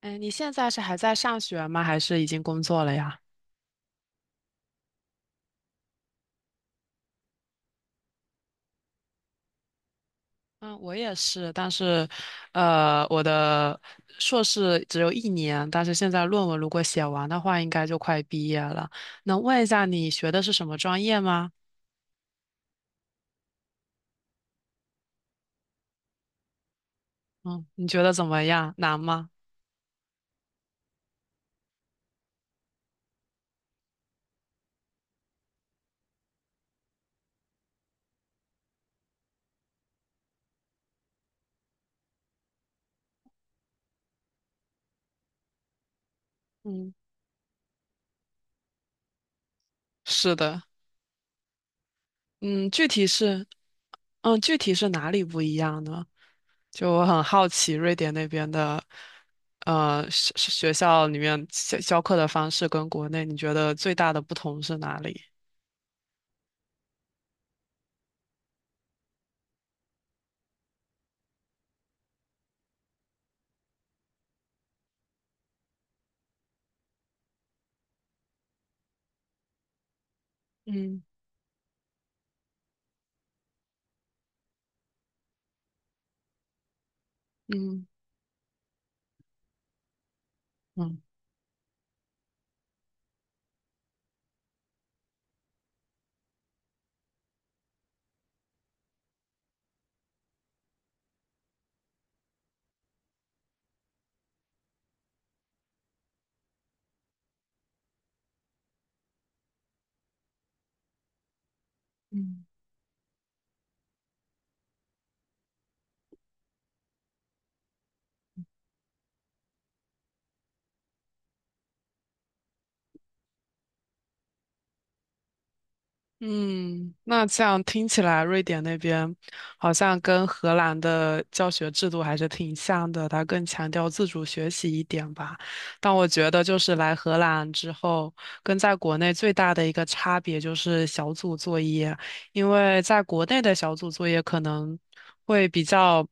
嗯，你现在是还在上学吗？还是已经工作了呀？嗯，我也是，但是，我的硕士只有一年，但是现在论文如果写完的话，应该就快毕业了。能问一下你学的是什么专业吗？嗯，你觉得怎么样？难吗？嗯，是的，嗯，具体是，嗯，具体是哪里不一样呢？就我很好奇瑞典那边的，学校里面教课的方式跟国内，你觉得最大的不同是哪里？嗯嗯嗯。嗯。嗯，那这样听起来，瑞典那边好像跟荷兰的教学制度还是挺像的，它更强调自主学习一点吧。但我觉得，就是来荷兰之后，跟在国内最大的一个差别就是小组作业，因为在国内的小组作业可能会比较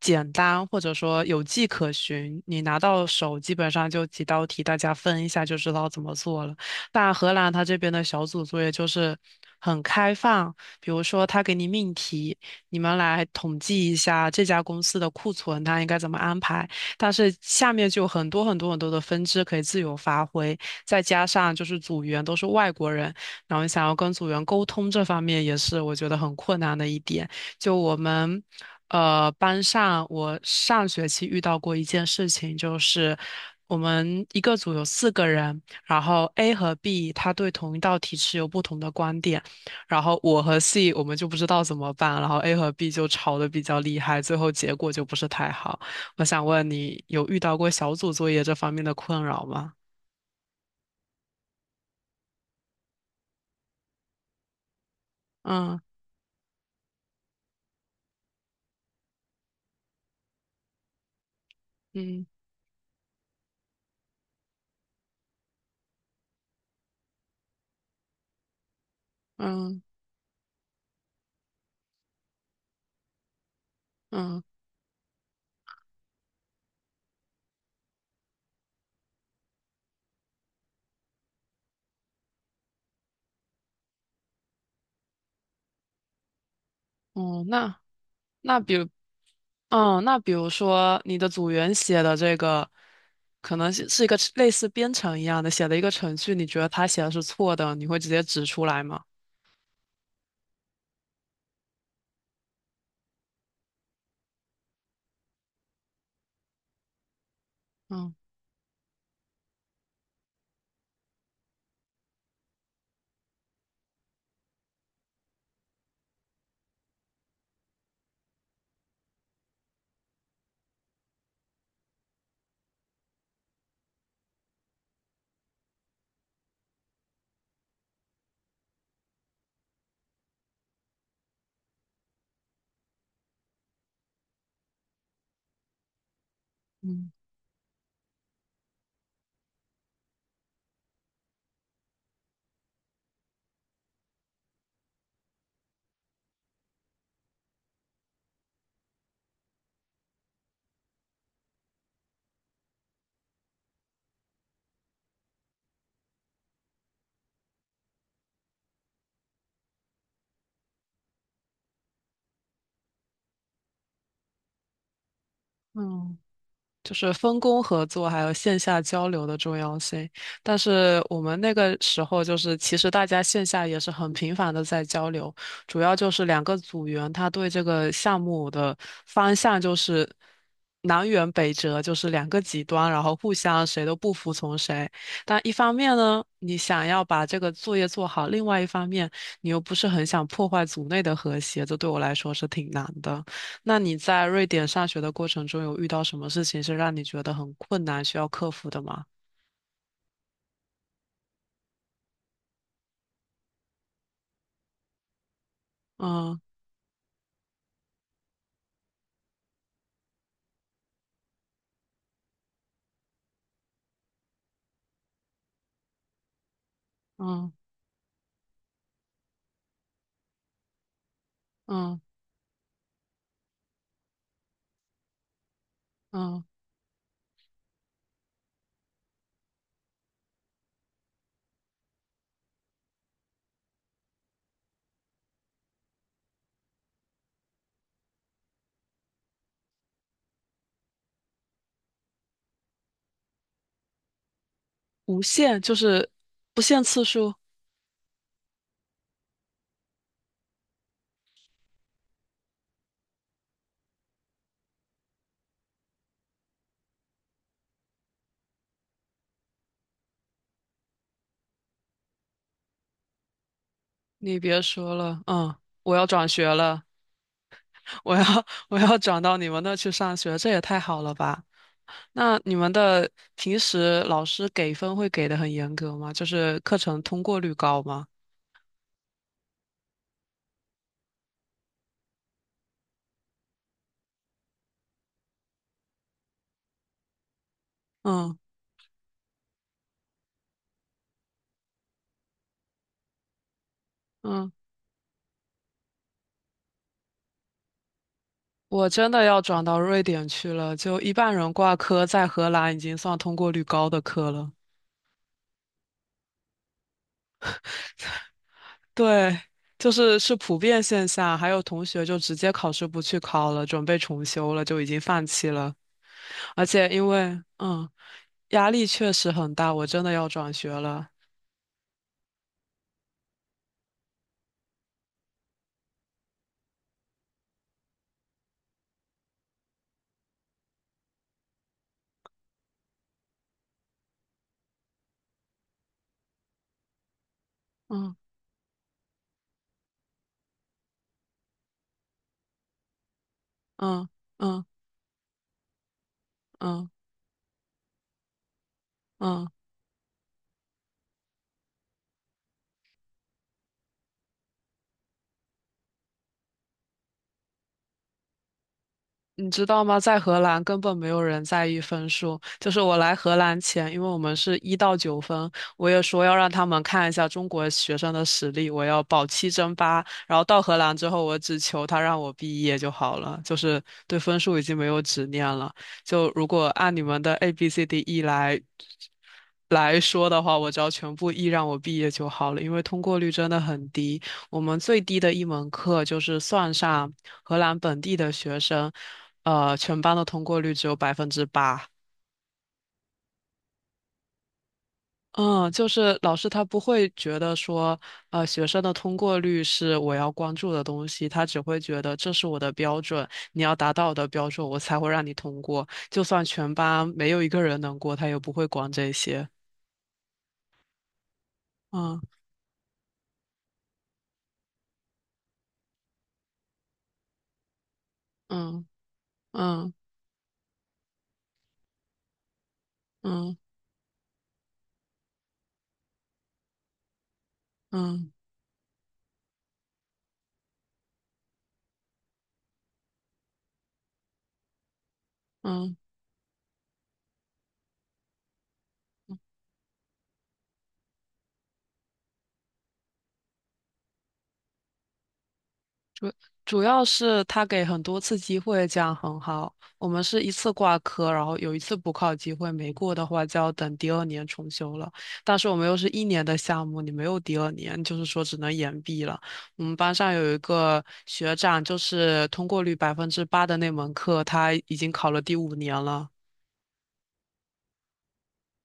简单，或者说有迹可循，你拿到手基本上就几道题，大家分一下就知道怎么做了。但荷兰它这边的小组作业就是很开放，比如说他给你命题，你们来统计一下这家公司的库存它应该怎么安排，但是下面就有很多很多很多的分支可以自由发挥，再加上就是组员都是外国人，然后想要跟组员沟通这方面也是我觉得很困难的一点。就我们班上，我上学期遇到过一件事情，就是我们一个组有4个人，然后 A 和 B 他对同一道题持有不同的观点，然后我和 C 我们就不知道怎么办，然后 A 和 B 就吵得比较厉害，最后结果就不是太好。我想问你，有遇到过小组作业这方面的困扰吗？嗯嗯嗯嗯哦，那比如那比如说你的组员写的这个，可能是一个类似编程一样的，写的一个程序，你觉得他写的是错的，你会直接指出来吗？嗯嗯嗯就是分工合作还有线下交流的重要性。但是我们那个时候就是，其实大家线下也是很频繁的在交流，主要就是两个组员他对这个项目的方向就是南辕北辙，就是两个极端，然后互相谁都不服从谁。但一方面呢，你想要把这个作业做好，另外一方面你又不是很想破坏组内的和谐，这对我来说是挺难的。那你在瑞典上学的过程中，有遇到什么事情是让你觉得很困难、需要克服的吗？嗯嗯嗯嗯，无限就是不限次数。你别说了，嗯，我要转学了，我要 我要转到你们那去上学，这也太好了吧？那你们的平时老师给分会给的很严格吗？就是课程通过率高吗？嗯嗯。我真的要转到瑞典去了，就一半人挂科，在荷兰已经算通过率高的科了。对，就是是普遍现象，还有同学就直接考试不去考了，准备重修了，就已经放弃了。而且因为嗯，压力确实很大，我真的要转学了。嗯嗯嗯嗯嗯。嗯你知道吗？在荷兰根本没有人在意分数。就是我来荷兰前，因为我们是1到9分，我也说要让他们看一下中国学生的实力，我要保七争八。然后到荷兰之后，我只求他让我毕业就好了，就是对分数已经没有执念了。就如果按你们的 A B C D E 来说的话，我只要全部 E 让我毕业就好了，因为通过率真的很低。我们最低的一门课就是算上荷兰本地的学生，全班的通过率只有百分之八。嗯，就是老师他不会觉得说，学生的通过率是我要关注的东西，他只会觉得这是我的标准，你要达到我的标准，我才会让你通过。就算全班没有一个人能过，他也不会管这些。嗯嗯嗯嗯嗯嗯嗯。主要是他给很多次机会，这样很好。我们是一次挂科，然后有一次补考机会，没过的话就要等第二年重修了。但是我们又是一年的项目，你没有第二年，就是说只能延毕了。我们班上有一个学长，就是通过率百分之八的那门课，他已经考了第5年了。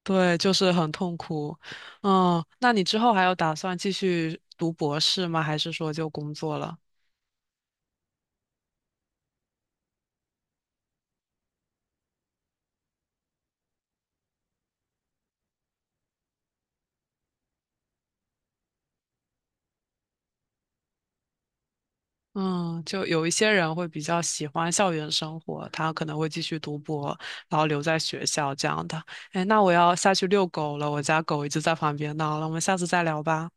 对，就是很痛苦。嗯，那你之后还有打算继续读博士吗？还是说就工作了？嗯，就有一些人会比较喜欢校园生活，他可能会继续读博，然后留在学校这样的。哎，那我要下去遛狗了，我家狗一直在旁边闹了，我们下次再聊吧。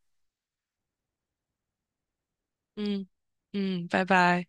嗯嗯，拜拜。